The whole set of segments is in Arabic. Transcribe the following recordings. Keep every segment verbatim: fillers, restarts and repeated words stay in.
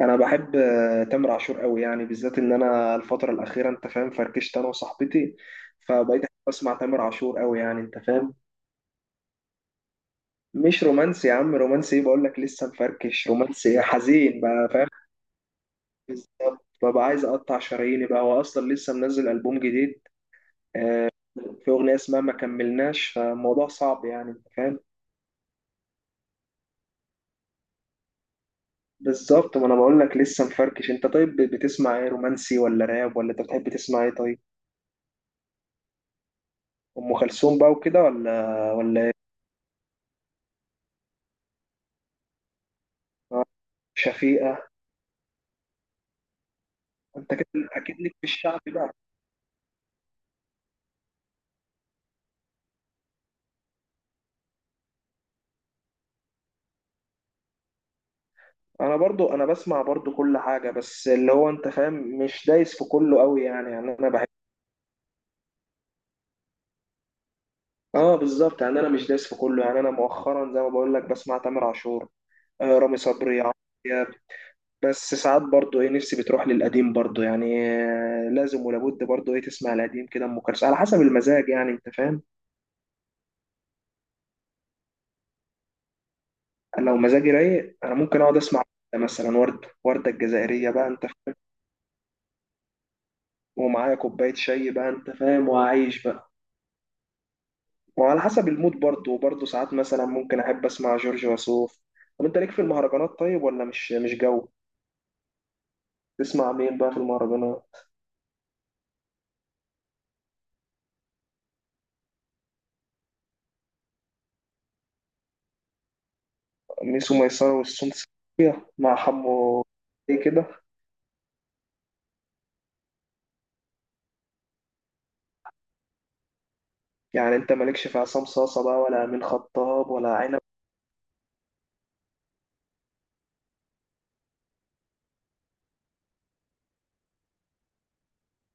انا بحب آه، تامر عاشور قوي، يعني بالذات ان انا الفتره الاخيره انت فاهم، فركشت انا وصاحبتي، فبقيت أحب اسمع تامر عاشور قوي يعني انت فاهم. مش رومانسي يا عم، رومانسي ايه؟ بقول لك لسه مفركش. رومانسي إيه؟ حزين بقى فاهم. بالظبط، ببقى عايز اقطع شراييني بقى. هو اصلا لسه منزل البوم جديد. آه، في اغنيه اسمها ما كملناش، فالموضوع صعب يعني انت فاهم. بالظبط، ما انا بقول لك لسه مفركش. انت طيب بتسمع ايه؟ رومانسي ولا راب، ولا انت بتحب تسمع ايه طيب؟ ام كلثوم بقى وكده ولا ولا شفيقة؟ انت كده اكيد ليك في الشعب بقى. انا برضو، انا بسمع برضو كل حاجة، بس اللي هو انت فاهم مش دايس في كله قوي يعني. يعني انا بحب، اه بالظبط يعني انا مش دايس في كله. يعني انا مؤخرا زي ما بقول لك بسمع تامر عاشور، آه، رامي صبري، عمرو دياب. بس ساعات برضو ايه، نفسي بتروح للقديم برضو يعني. آه، لازم ولابد برضو ايه تسمع القديم كده، ام كلثوم، على حسب المزاج يعني انت فاهم. لو مزاجي رايق انا ممكن اقعد اسمع مثلا وردة، وردة الجزائرية بقى انت فاهم، ومعايا كوباية شاي بقى انت فاهم، وعايش بقى. وعلى حسب المود برضه، وبرضه ساعات مثلا ممكن أحب أسمع جورج وسوف. طب أنت ليك في المهرجانات طيب ولا مش مش جو؟ تسمع مين بقى في المهرجانات؟ ميسو ميسرة والسون سيكية مع حمو، إيه كده؟ يعني أنت مالكش في عصام صاصة بقى، ولا أمين خطاب، ولا عنب؟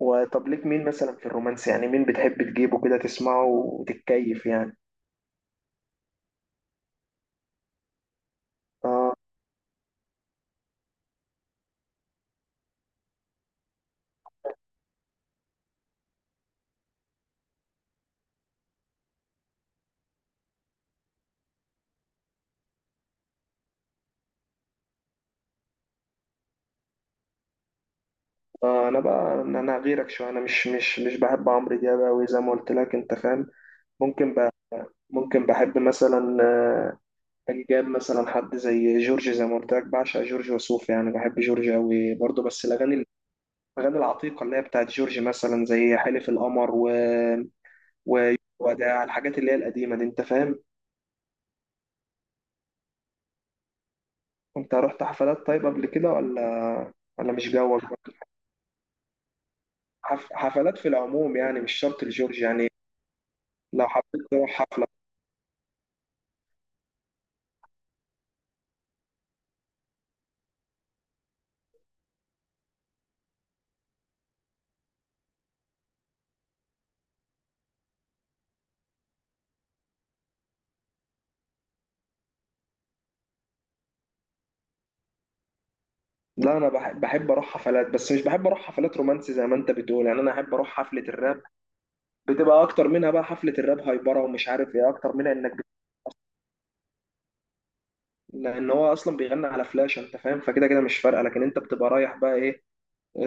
وطب ليك مين مثلا في الرومانس؟ يعني مين بتحب تجيبه كده تسمعه وتتكيف يعني؟ آه، آه، أنا بقى أنا غيرك شوية، أنا مش مش مش بحب عمرو دياب أوي زي ما قلت لك أنت فاهم؟ ممكن بقى، ممكن بحب مثلا، آه، كان جاب مثلا حد زي جورج. زي ما قلت لك بعشق جورج وسوف، يعني بحب جورج قوي برضه، بس الاغاني، الاغاني العتيقه اللي هي بتاعت جورج، مثلا زي حلف القمر و... و... وداع، الحاجات اللي هي القديمه دي انت فاهم. انت رحت حفلات طيب قبل كده ولا؟ ولا مش جوك؟ حف... حفلات في العموم يعني، مش شرط لجورج يعني. لو حبيت تروح حفله. لا انا بحب، بحب اروح حفلات، بس مش بحب اروح حفلات رومانسي زي ما انت بتقول. يعني انا احب اروح حفله الراب، بتبقى اكتر منها بقى. حفله الراب هايبره ومش عارف ايه اكتر منها، انك لان هو اصلا بيغني على فلاش انت فاهم، فكده كده مش فارقه. لكن انت بتبقى رايح بقى ايه،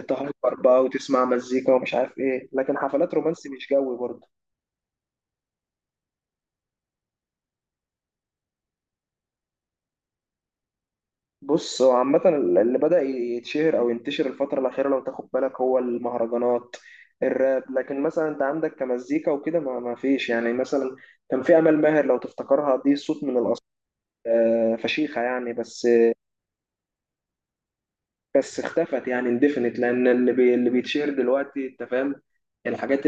تهايبر بقى وتسمع مزيكا ومش عارف ايه. لكن حفلات رومانسي مش جوي برضه. بص هو عامه، اللي بدا يتشهر او ينتشر الفتره الاخيره لو تاخد بالك هو المهرجانات، الراب. لكن مثلا انت عندك كمزيكا وكده ما, ما فيش يعني. مثلا كان في امل ماهر لو تفتكرها، دي صوت من الاصل، آه، فشيخه يعني. بس، بس اختفت يعني، اندفنت، لان اللي بي اللي بيتشهر دلوقتي انت فاهم الحاجات،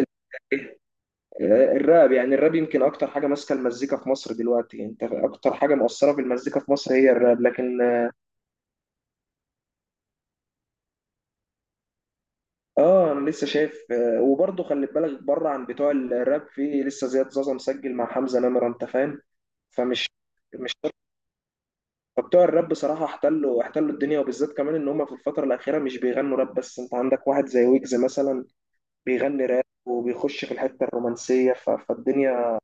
الراب. يعني الراب يمكن اكتر حاجه ماسكه المزيكا في مصر دلوقتي، يعني انت اكتر حاجه مؤثره في المزيكا في مصر هي الراب. لكن اه انا لسه شايف آه، وبرضه خلي بالك بره عن بتوع الراب، في لسه زياد زازا مسجل مع حمزه نمره انت فاهم. فمش مش فبتوع الراب بصراحه احتلوا، احتلوا الدنيا، وبالذات كمان ان هم في الفتره الاخيره مش بيغنوا راب بس. انت عندك واحد زي ويجز مثلا، بيغني راب وبيخش في الحته الرومانسيه، ف- فالدنيا.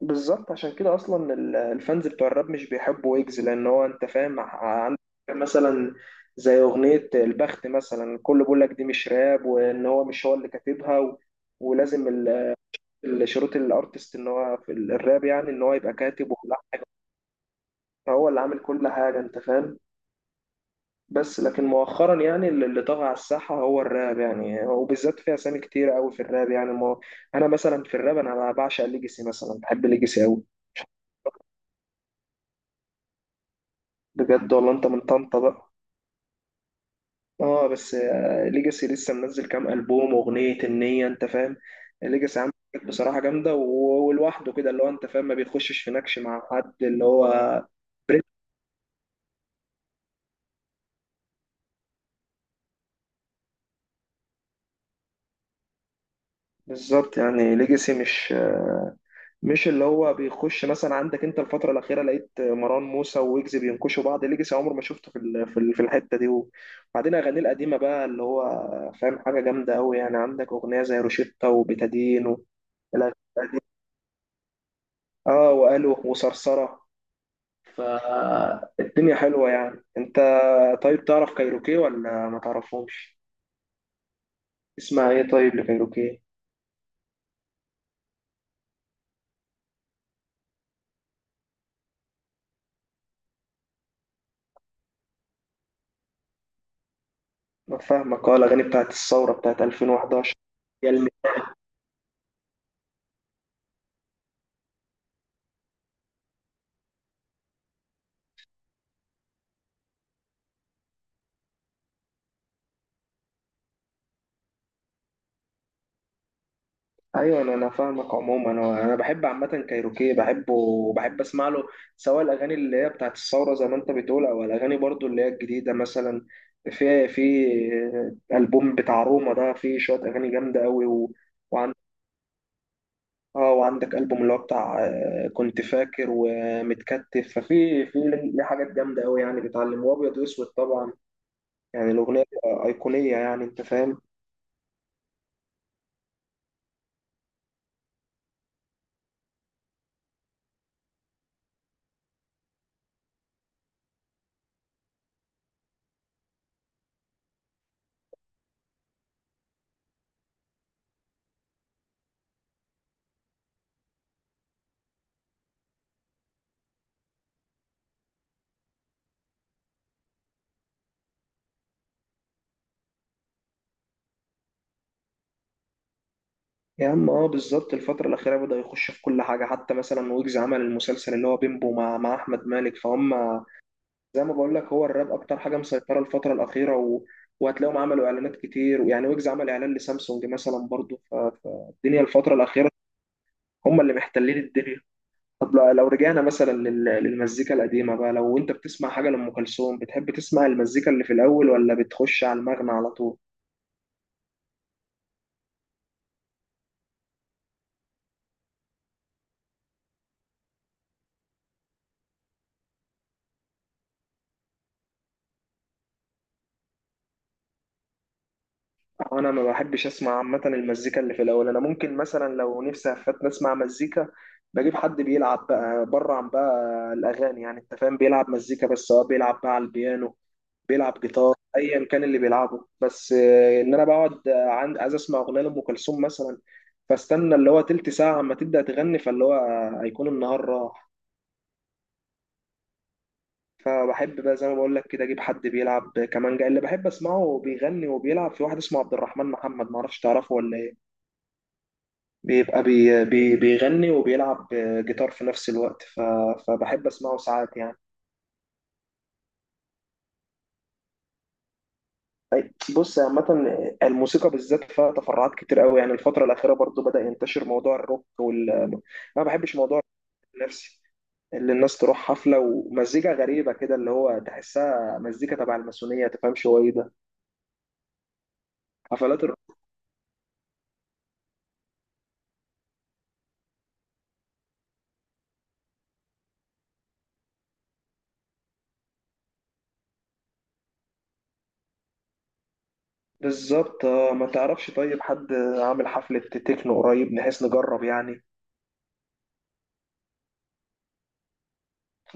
بالظبط، عشان كده اصلا ال- الفانز بتوع الراب مش بيحبوا ويجز، لان هو انت فاهم ع- عندك مثلا، زي اغنيه البخت مثلا، الكل بيقول لك دي مش راب، وان هو مش هو اللي كاتبها و... ولازم ال- ال- شروط الارتست ان هو في ال- الراب يعني ان هو يبقى كاتب وملحن، فهو اللي عامل كل حاجه انت فاهم. بس لكن مؤخرا يعني اللي اللي طغى على الساحه هو الراب يعني، وبالذات في اسامي كتير قوي في الراب يعني. ما هو- انا مثلا في الراب، انا بعشق ليجاسي مثلا، بحب ليجاسي قوي. بجد والله؟ انت من طنطا بقى؟ اه بس ليجاسي لسه منزل كام ألبوم، أغنية النية أنت فاهم. ليجاسي عامل حاجات بصراحة جامدة، و- ولوحده كده اللي هو أنت فاهم، ما بيخشش في نكش مع حد اللي هو بريك. بالظبط، يعني ليجاسي مش آه، مش اللي هو بيخش. مثلا عندك انت الفترة الأخيرة لقيت مروان موسى ويجز بينكشوا بعض، ليجاسي عمر ما شفته في ال- في ال- في الحتة دي. وبعدين أغانيه القديمة بقى اللي هو فاهم، حاجة جامدة أوي يعني. عندك أغنية زي روشيتا وبتادين والأغاني القديمة، اه وقالوا وصرصرة، فالدنيا حلوة يعني انت. طيب تعرف كايروكي ولا ما تعرفهمش؟ اسمع ايه طيب لكايروكي؟ ما فاهمك، اه الاغاني بتاعت الثورة، بتاعت ألفين وحداشر. يا الم... ايوه، انا انا فاهمك عموما، انا انا بحب عامة كايروكي، بحبه وبحب اسمع له، سواء الاغاني اللي هي بتاعت الثورة زي ما انت بتقول، او الاغاني برضو اللي هي الجديدة مثلا. في في البوم بتاع روما ده، فيه شوية اغاني جامدة قوي و... اه، وعندك ألبوم اللي هو بتاع، آه، كنت فاكر، ومتكتف، ففي في ليه حاجات جامدة أوي يعني، بيتعلم، وأبيض وأسود طبعا، يعني الأغنية أيقونية يعني أنت فاهم. يا عم اه بالظبط، الفترة الأخيرة بدأ يخش في كل حاجة، حتى مثلا ويجز عمل المسلسل اللي هو بيمبو مع مع أحمد مالك فهم. زي ما بقول لك هو الراب أكتر حاجة مسيطرة الفترة الأخيرة و... وهتلاقيهم عملوا إعلانات كتير، ويعني ويجز عمل إعلان لسامسونج مثلا برضه، ف... فالدنيا الفترة الأخيرة هم اللي محتلين الدنيا. طب لو لو رجعنا مثلا لل- للمزيكا القديمة بقى، لو انت بتسمع حاجة لأم كلثوم، بتحب تسمع المزيكا اللي في الأول ولا بتخش على المغنى على طول؟ أنا ما بحبش أسمع عامة المزيكا اللي في الأول. أنا ممكن مثلا لو نفسي أفتن أسمع مزيكا، بجيب حد بيلعب بقى بره عن بقى الأغاني، يعني أنت فاهم، بيلعب مزيكا بس، سواء بيلعب بقى على البيانو، بيلعب جيتار، أيا كان اللي بيلعبه. بس آه، إن أنا بقعد آه، عند عايز أسمع أغنية لأم كلثوم مثلا، فاستنى اللي هو تلت ساعة أما تبدأ تغني، فاللي هو آه، هيكون النهار راح. فبحب بقى زي ما بقول لك كده اجيب حد بيلعب كمانجا اللي بحب اسمعه، وبيغني وبيلعب. في واحد اسمه عبد الرحمن محمد، ما اعرفش تعرفه ولا ايه، بيبقى بي بي بيغني وبيلعب جيتار في نفس الوقت، ف فبحب اسمعه ساعات يعني. بص عامة الموسيقى بالذات فيها تفرعات كتير قوي يعني. الفترة الأخيرة برضو بدأ ينتشر موضوع الروك، وال أنا ما بحبش موضوع النفسي اللي الناس تروح حفلة ومزيكا غريبة كده، اللي هو تحسها مزيكا تبع الماسونية، تفهمش هو ايه ده. حفلات، بالظبط آه، ما تعرفش طيب حد عامل حفلة تكنو قريب، نحيث نجرب يعني؟